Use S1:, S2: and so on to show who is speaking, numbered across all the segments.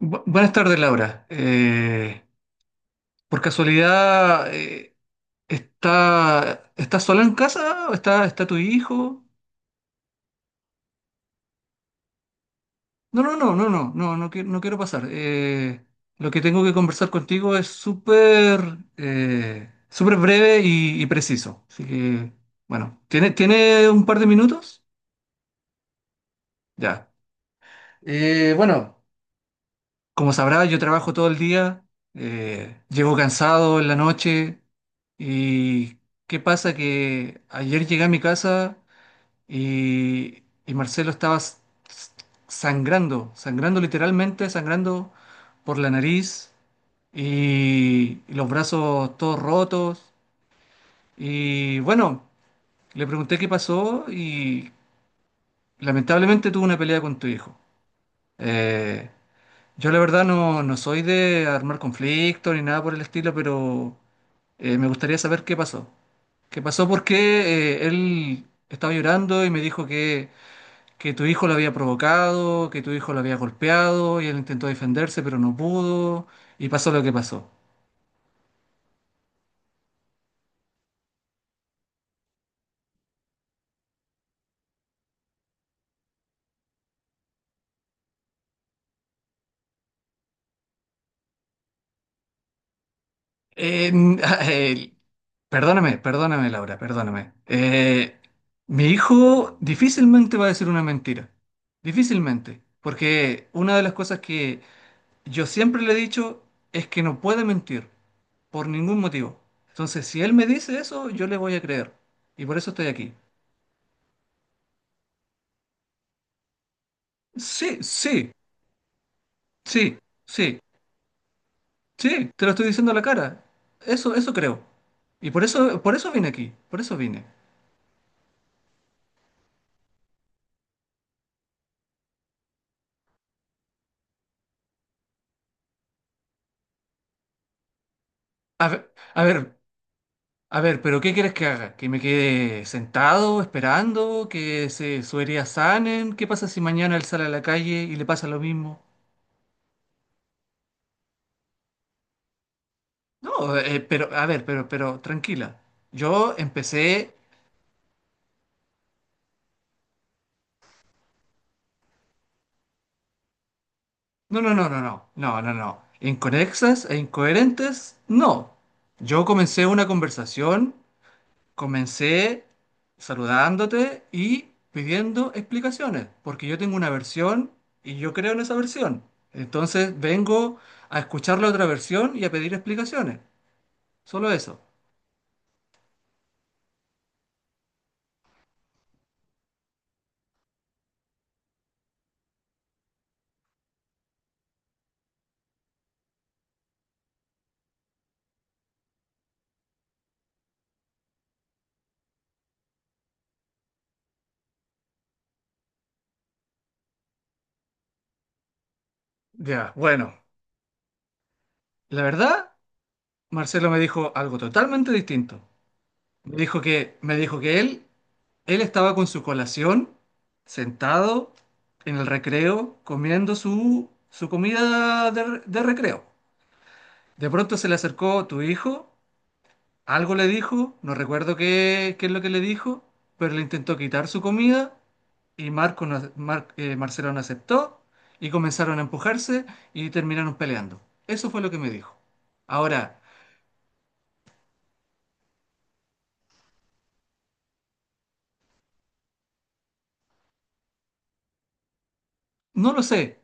S1: Buenas tardes, Laura. Por casualidad, ¿estás sola en casa? ¿ Está tu hijo? No, no, no, no, no, no, no, no quiero pasar. Lo que tengo que conversar contigo es súper súper breve y preciso. Así que, bueno, ¿tiene un par de minutos? Ya. Bueno, como sabrás, yo trabajo todo el día, llego cansado en la noche y ¿qué pasa? Que ayer llegué a mi casa y Marcelo estaba s- sangrando literalmente, sangrando por la nariz y los brazos todos rotos. Y bueno, le pregunté qué pasó y lamentablemente tuvo una pelea con tu hijo. Eh, Yo la verdad no, no soy de armar conflicto ni nada por el estilo, pero me gustaría saber qué pasó. ¿Qué pasó? Porque él estaba llorando y me dijo que tu hijo lo había provocado, que tu hijo lo había golpeado y él intentó defenderse, pero no pudo y pasó lo que pasó. Eh, n- eh, perdóname, perdóname, Laura, perdóname. Mi hijo difícilmente va a decir una mentira. Difícilmente. Porque una de las cosas que yo siempre le he dicho es que no puede mentir, por ningún motivo. Entonces, si él me dice eso, yo le voy a creer. Y por eso estoy aquí. Sí, sí, sí, sí, sí, te lo estoy diciendo a la cara. Eso creo. Y por eso vine aquí, por eso vine. A ver, a ver, a ver, pero ¿qué quieres que haga? ¿Que me quede sentado, esperando, su herida sanen? ¿Qué pasa si mañana él sale a la calle y le pasa lo mismo? No, pero, a ver, pero, tranquila. Yo empecé. No, no, no, no, no, no, no, no. Inconexas e incoherentes, no. Yo comencé una conversación, comencé saludándote y pidiendo explicaciones, porque yo tengo una versión y yo creo en esa versión. Entonces vengo a escuchar la otra versión y a pedir explicaciones. Solo eso. Ya, bueno. La verdad, Marcelo me dijo algo totalmente distinto. Me dijo que él estaba con su colación, sentado en el recreo, comiendo su comida de recreo. De pronto se le acercó tu hijo, algo le dijo, no recuerdo qué es lo que le dijo, pero le intentó quitar su comida y Marco no- Mar- Marcelo no aceptó y comenzaron a empujarse y terminaron peleando. Eso fue lo que me dijo. Ahora, no lo sé.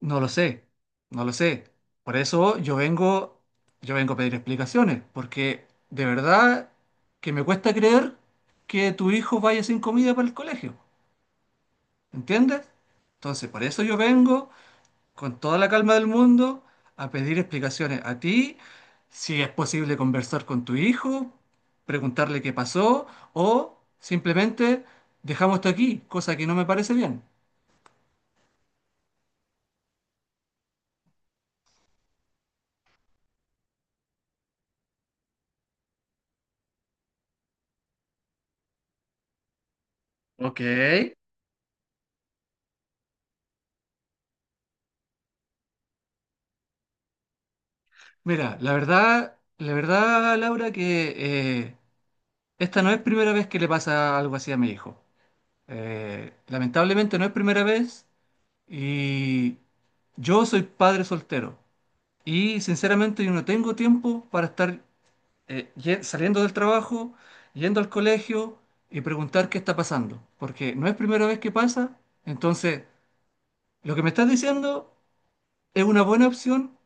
S1: No lo sé, no lo sé. Por eso yo vengo a pedir explicaciones, porque de verdad que me cuesta creer que tu hijo vaya sin comida para el colegio, ¿entiendes? Entonces, por eso yo vengo con toda la calma del mundo a pedir explicaciones a ti, si es posible conversar con tu hijo, preguntarle qué pasó, o simplemente dejamos esto aquí, cosa que no me parece bien. Ok. Mira, la verdad, Laura, que eh, esta no es primera vez que le pasa algo así a mi hijo. Lamentablemente no es primera vez y yo soy padre soltero y sinceramente yo no tengo tiempo para estar saliendo del trabajo, yendo al colegio y preguntar qué está pasando, porque no es primera vez que pasa, entonces lo que me estás diciendo es una buena opción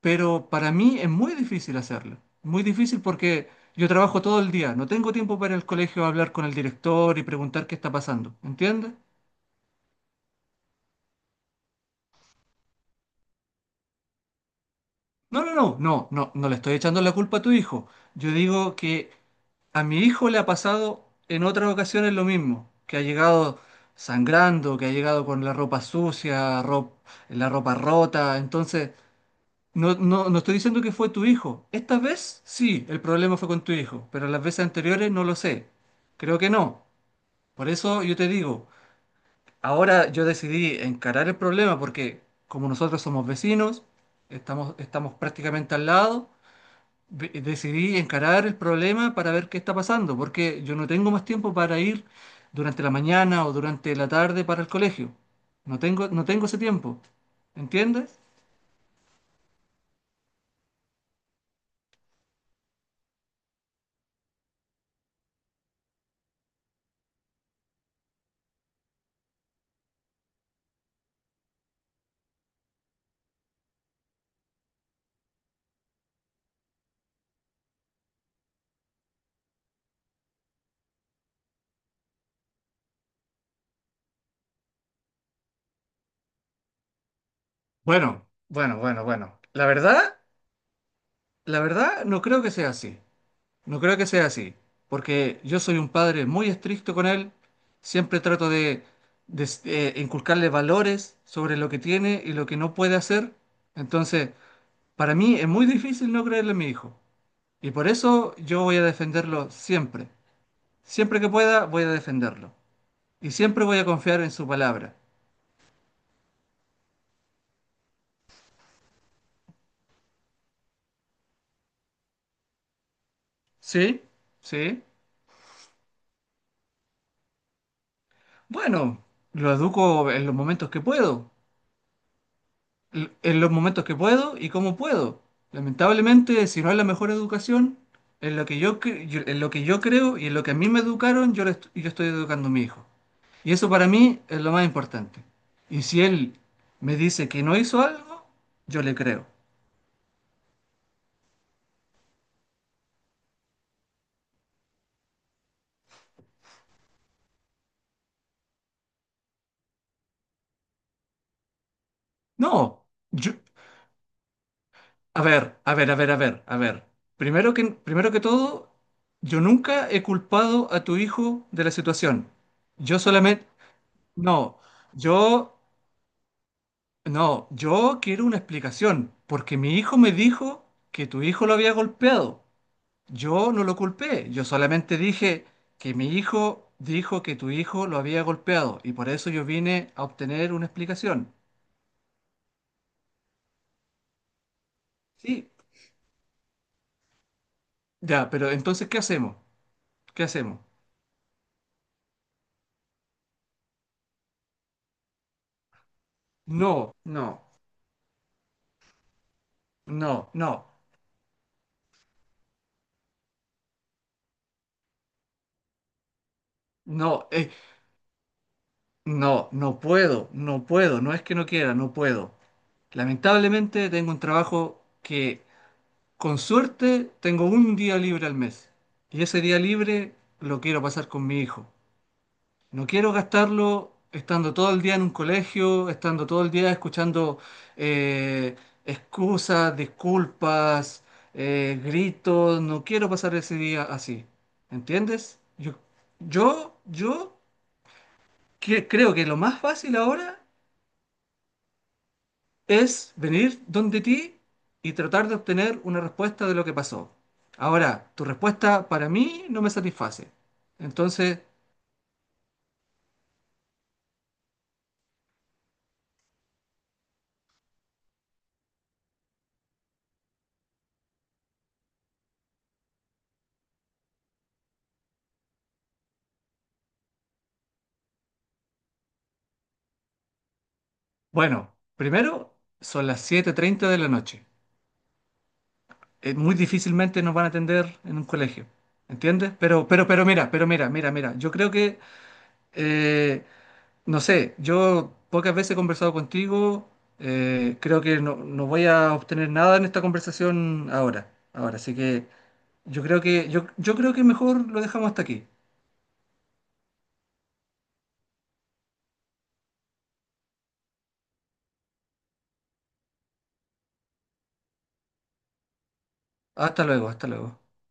S1: pero para mí es muy difícil hacerlo. Muy difícil porque yo trabajo todo el día, no tengo tiempo para ir al colegio a hablar con el director y preguntar qué está pasando, ¿entiendes? No, no, no, no, no, no le estoy echando la culpa a tu hijo. Yo digo que a mi hijo le ha pasado en otras ocasiones lo mismo, que ha llegado sangrando, que ha llegado con la ropa sucia, la ropa rota, entonces. No, no, no estoy diciendo que fue tu hijo. Esta vez sí, el problema fue con tu hijo, pero las veces anteriores no lo sé. Creo que no. Por eso yo te digo, ahora yo decidí encarar el problema porque como nosotros somos vecinos, estamos prácticamente al lado, decidí encarar el problema para ver qué está pasando, porque yo no tengo más tiempo para ir durante la mañana o durante la tarde para el colegio. No tengo, no tengo ese tiempo. ¿Entiendes? Bueno, bueno, bueno, bueno. La verdad... la verdad, no creo que sea así. No creo que sea así. Porque yo soy un padre muy estricto con él. Siempre trato de, inculcarle valores sobre lo que tiene y lo que no puede hacer. Entonces, para mí es muy difícil no creerle a mi hijo. Y por eso yo voy a defenderlo siempre. Siempre que pueda, voy a defenderlo. Y siempre voy a confiar en su palabra. ¿Sí? ¿Sí? Bueno, lo educo en los momentos que puedo. En los momentos que puedo y cómo puedo. Lamentablemente, si no es la mejor educación, en lo que en lo que yo creo y en lo que a mí me educaron, yo estoy educando a mi hijo. Y eso para mí es lo más importante. Y si él me dice que no hizo algo, yo le creo. No, yo, a ver, a ver, a ver, a ver, a ver. Primero que todo, yo nunca he culpado a tu hijo de la situación. Yo solamente, no, yo. No, yo quiero una explicación, porque mi hijo me dijo que tu hijo lo había golpeado. Yo no lo culpé, yo solamente dije que mi hijo dijo que tu hijo lo había golpeado y por eso yo vine a obtener una explicación. Sí, ya, pero entonces, ¿qué hacemos? ¿Qué hacemos? No, no, no, no, no, no, no puedo, no puedo, no es que no quiera, no puedo. Lamentablemente tengo un trabajo que. Con suerte tengo un día libre al mes y ese día libre lo quiero pasar con mi hijo. No quiero gastarlo estando todo el día en un colegio, estando todo el día escuchando eh, excusas, disculpas, gritos. No quiero pasar ese día así. ¿Entiendes? Yo, creo que lo más fácil ahora es venir donde ti y tratar de obtener una respuesta de lo que pasó. Ahora, tu respuesta para mí no me satisface. Entonces, bueno, primero son las 7:30 de la noche. Muy difícilmente nos van a atender en un colegio. ¿Entiendes? Pero mira, mira, mira. Yo creo que, eh, no sé, yo pocas veces he conversado contigo. Creo que no, no voy a obtener nada en esta conversación ahora. Ahora, así que. Yo creo que, yo creo que mejor lo dejamos hasta aquí. Hasta luego, hasta luego.